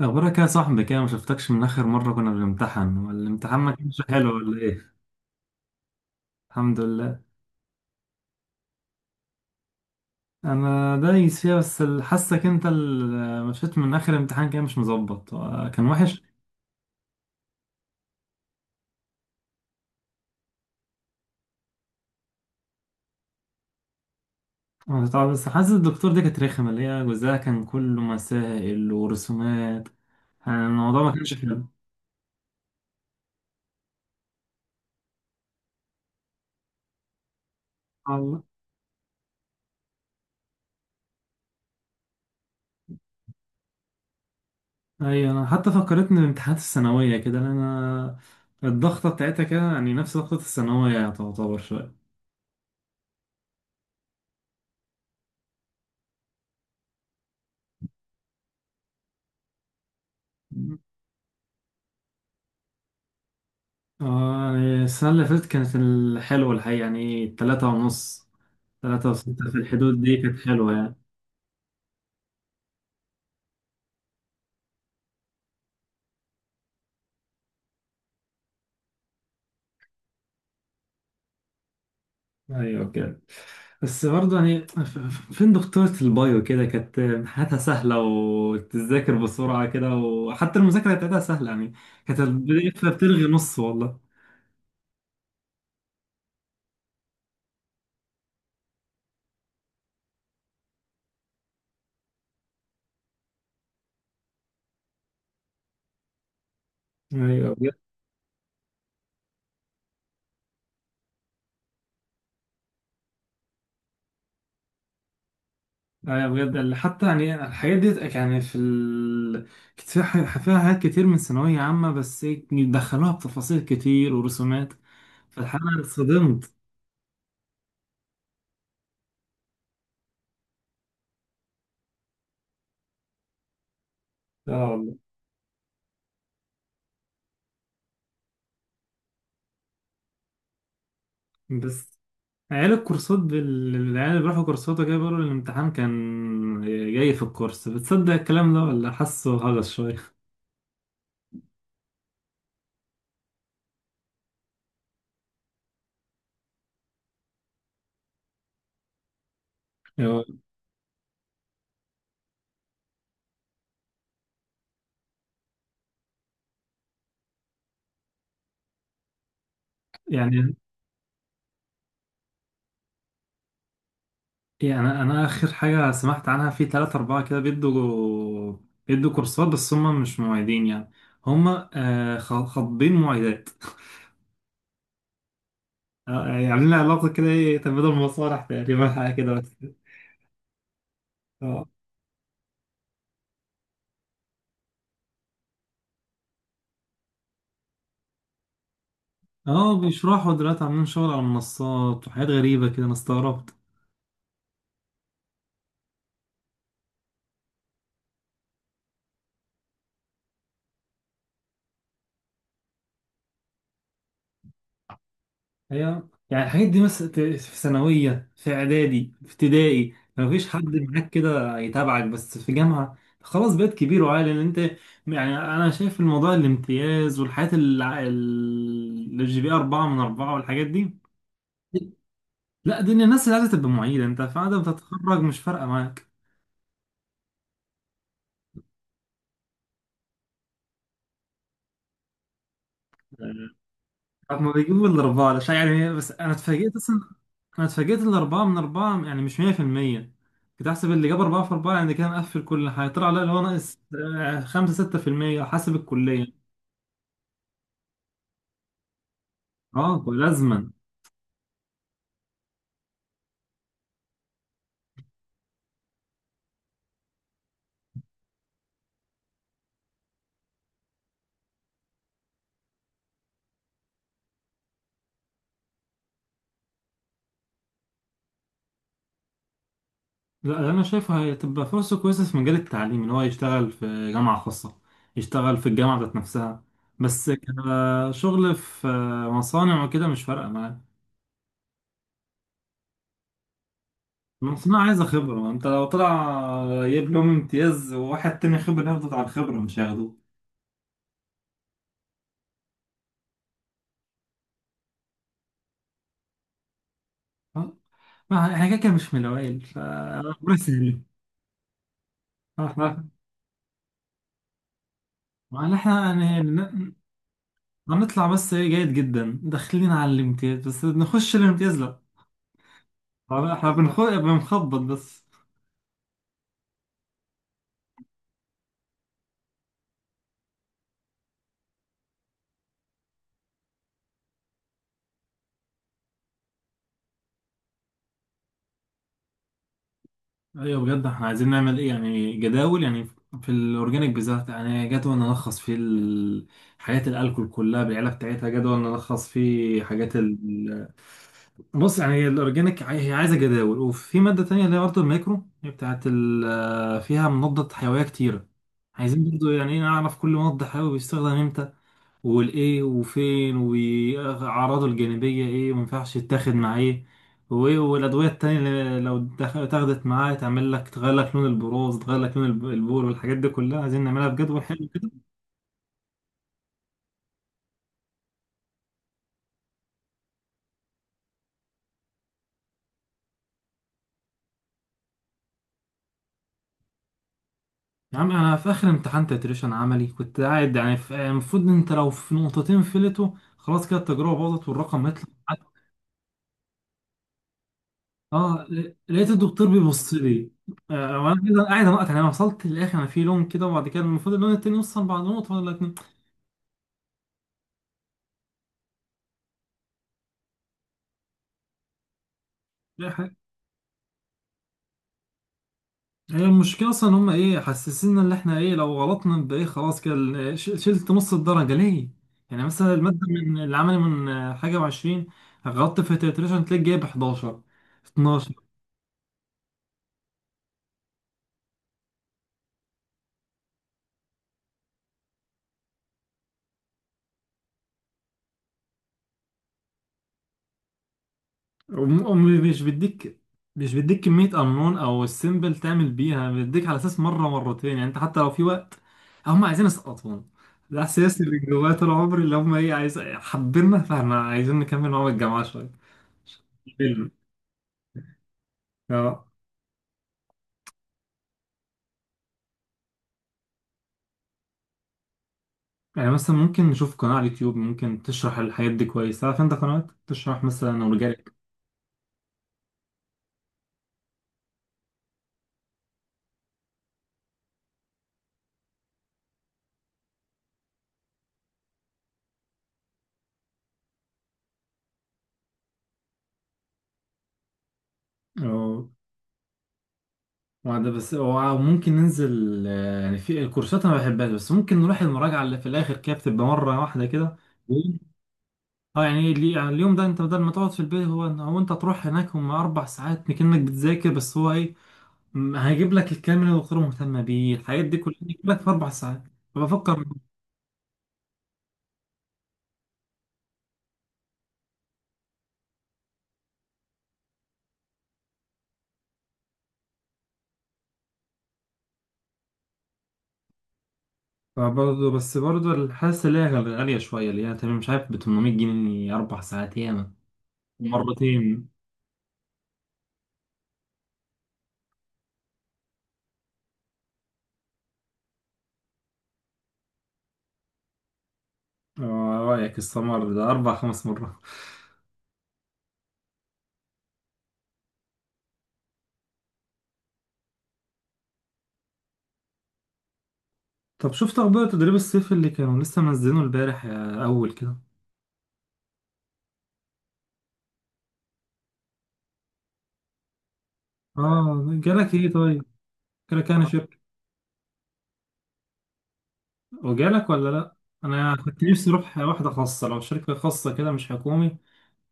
أخبارك يا صاحبي كده، ما شفتكش من آخر مرة كنا بنمتحن، والامتحان ما كانش حلو ولا إيه؟ الحمد لله. أنا دايس فيها، بس حاسك أنت اللي مشيت من آخر امتحان كده مش مظبط، كان وحش. آه، طبعا، بس حاسس الدكتور دي كانت رخمة، اللي هي جزءها كان كله مسائل ورسومات. يعني الموضوع ما كانش حلو. الله. أيوة، أنا حتى فكرتني بامتحانات الثانوية كده، لأن أنا الضغطة بتاعتها كده يعني نفس ضغطة الثانوية تعتبر شوية. اه، يعني السنة اللي فاتت كانت الحلوة الحقيقة، يعني 3.5، 3.6 في الحدود دي، كانت حلوة يعني. ايوه كده. بس برضه يعني فين دكتورة البايو كده، كانت حياتها سهلة وتذاكر بسرعة كده، وحتى المذاكرة بتاعتها سهلة يعني، كانت البداية بتلغي نص والله. ايوه بجد. ايوه بجد، اللي حتى يعني الحاجات دي يعني كانت فيها فيها حاجات كتير من ثانوية عامة، بس إيه، دخلوها بتفاصيل كتير ورسومات. فالحقيقة أنا اتصدمت. اه والله. بس عيال الكورسات العيال اللي بيروحوا كورسات وكده بيقولوا الامتحان كان جاي في الكورس. بتصدق الكلام ده ولا حاسه هجس شوية أيوة. يعني يعني أنا آخر حاجة سمعت عنها في تلاتة أربعة كده بيدوا. بيدوا كورسات بس هم مش معيدين، يعني هم، خاطبين معيدات يعني عاملين علاقة كده إيه، تبادل مصالح تقريبا، حاجة كده بس. اه اه، بيشرحوا دلوقتي عاملين شغل على المنصات وحاجات غريبة كده، أنا استغربت. هي يعني الحاجات دي مثلا في ثانوية، في إعدادي، في ابتدائي، ما فيش حد معاك كده يتابعك، بس في جامعة خلاص بقيت كبير وعاقل ان انت. يعني انا شايف الموضوع الامتياز والحاجات الجي بي 4/4 والحاجات دي. لا، دي الناس اللي عايزة تبقى معيدة. انت بعد ما تتخرج مش فارقة معاك. هما بيجيبوا الأربعة ده عشان يعني، بس أنا اتفاجئت أصلا. أنا اتفاجئت ان ال4/4 يعني مش 100%، كنت أحسب اللي جاب 4/4 يعني كده مقفل كل حاجة، طلع لا، اللي هو ناقص آه، 5 او 6% حسب الكلية. أه، لازما. لا، اللي أنا شايفه هتبقى فرصة كويسة في مجال التعليم، إن هو يشتغل في جامعة خاصة، يشتغل في الجامعة ذات نفسها. بس كشغل في مصانع وكده مش فارقة معاه. المصنع عايزة خبرة، ما انت لو طلع جايب لهم امتياز وواحد تاني خبرة، ياخده على الخبرة مش هياخدوه. آه. ما احنا كده كده مش من الاوائل، فربنا يسهل. اه، ما احنا يعني هنطلع، بس ايه، جيد جدا، داخلين على الامتياز، بس نخش الامتياز لا. طبعاً احنا بنخبط بس. ايوه بجد، احنا عايزين نعمل ايه، يعني جداول، يعني في الاورجانيك بالذات، يعني جدول نلخص فيه حاجات الالكول كلها بالعيله بتاعتها، جدول نلخص فيه حاجات. بص يعني هي الاورجانيك هي عايزه جداول، وفي ماده تانية اللي هي برضه الميكرو، هي بتاعت فيها مضادات حيويه كتيره. عايزين برضه يعني ايه، نعرف كل مضاد حيوي بيستخدم امتى، والايه، وفين، واعراضه الجانبيه ايه، وما ينفعش يتاخد مع ايه، وايه، والادويه التانية اللي لو اتاخدت معاه تعمل لك تغير لك لون البروز، تغير لك لون البول، والحاجات دي كلها عايزين نعملها بجدول حلو. يا عم انا في اخر امتحان تتريشن عملي كنت قاعد يعني المفروض إن انت لو في نقطتين فلتوا خلاص كده، التجربه باظت والرقم هيطلع معاك. اه، لقيت الدكتور بيبص لي، آه، وانا كده قاعد انقط، يعني انا وصلت للاخر، انا في لون كده وبعد كده المفروض اللون التاني يوصل بعد نقطه ولا اتنين. لا حاجة. هي المشكله اصلا ان هم ايه، حسسنا ان احنا ايه، لو غلطنا يبقى ايه، خلاص كده شلت نص الدرجه ليه؟ يعني مثلا الماده من العملي من حاجه و20، غلطت في التتريشن تلاقي جايب 11. ومش بيديك، مش بيديك كمية أنون أو السيمبل تعمل بيها بيديك على أساس مرة مرتين، يعني أنت حتى لو في وقت، هم عايزين يسقطونا. ده إحساس اللي جوايا طول عمري، اللي هم إيه، عايز حبينا، فإحنا عايزين نكمل معاهم الجامعة شوية، فيلم. اه، يعني مثلا ممكن نشوف قناة على اليوتيوب ممكن تشرح الحاجات دي كويس. عارف أنت قنوات تشرح مثلا أورجانيك؟ أو وده بس، أو ممكن ننزل، يعني في الكورسات أنا ما بحبهاش، بس ممكن نروح المراجعة اللي في الآخر كده، بتبقى مرة واحدة كده. اه يعني يعني اليوم ده انت بدل ما تقعد في البيت، هو انت تروح هناك، هم 4 ساعات كأنك بتذاكر، بس هو ايه، هيجيب لك الكلام اللي الدكتوره مهتمه بيه، الحاجات دي كلها هيجيب لك في 4 ساعات. فبفكر. برضه بس برضه الحاسه اللي هي غاليه شويه، اللي هي تمام، مش عارف ب 800 جنيه 4 ساعات ياما مرتين. اه، إيه رايك السمر ده 4 او 5 مرات؟ طب شفت اخبار تدريب الصيف اللي كانوا لسه منزلينه البارح يا اول كده؟ اه، جالك ايه طيب؟ جالك يعني شيء؟ وجالك ولا لا؟ انا كنت نفسي اروح واحده خاصه، لو شركه خاصه كده مش حكومي،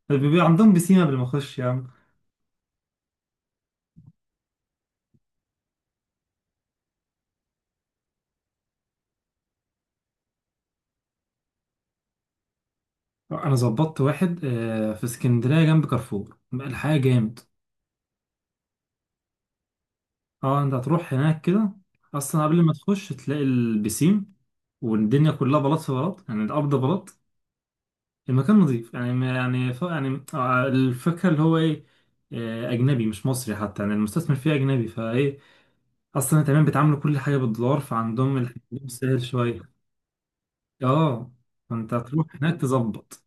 بيبقى عندهم بسيمه قبل ما اخش. يا عم انا ظبطت واحد، في اسكندريه جنب كارفور، الحياه جامد. اه، انت هتروح هناك كده اصلا قبل ما تخش تلاقي البسيم والدنيا كلها بلاط في بلاط، يعني الارض بلاط، المكان نظيف يعني يعني يعني الفكره اللي هو ايه، اجنبي مش مصري حتى، يعني المستثمر فيه اجنبي، فايه، اصلا كمان بيتعاملوا كل حاجه بالدولار فعندهم الحمد سهل شويه. اه، فانت هتروح هناك تظبط.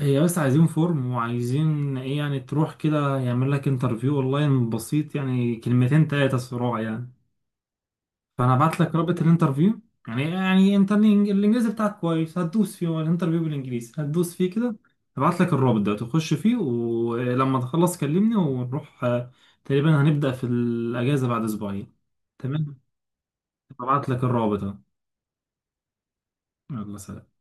هي بس عايزين فورم، وعايزين ايه يعني، تروح كده يعمل لك انترفيو اونلاين بسيط، يعني كلمتين تلاتة صراع يعني. فانا ابعت لك رابط الانترفيو. يعني انت الانجليزي بتاعك كويس، هتدوس فيه، هو الانترفيو بالانجليزي، هتدوس فيه كده. ابعت لك الرابط ده، تخش فيه، ولما تخلص كلمني ونروح، تقريبا هنبدأ في الاجازة بعد اسبوعين. تمام. ابعت لك الرابط اهو. يلا سلام.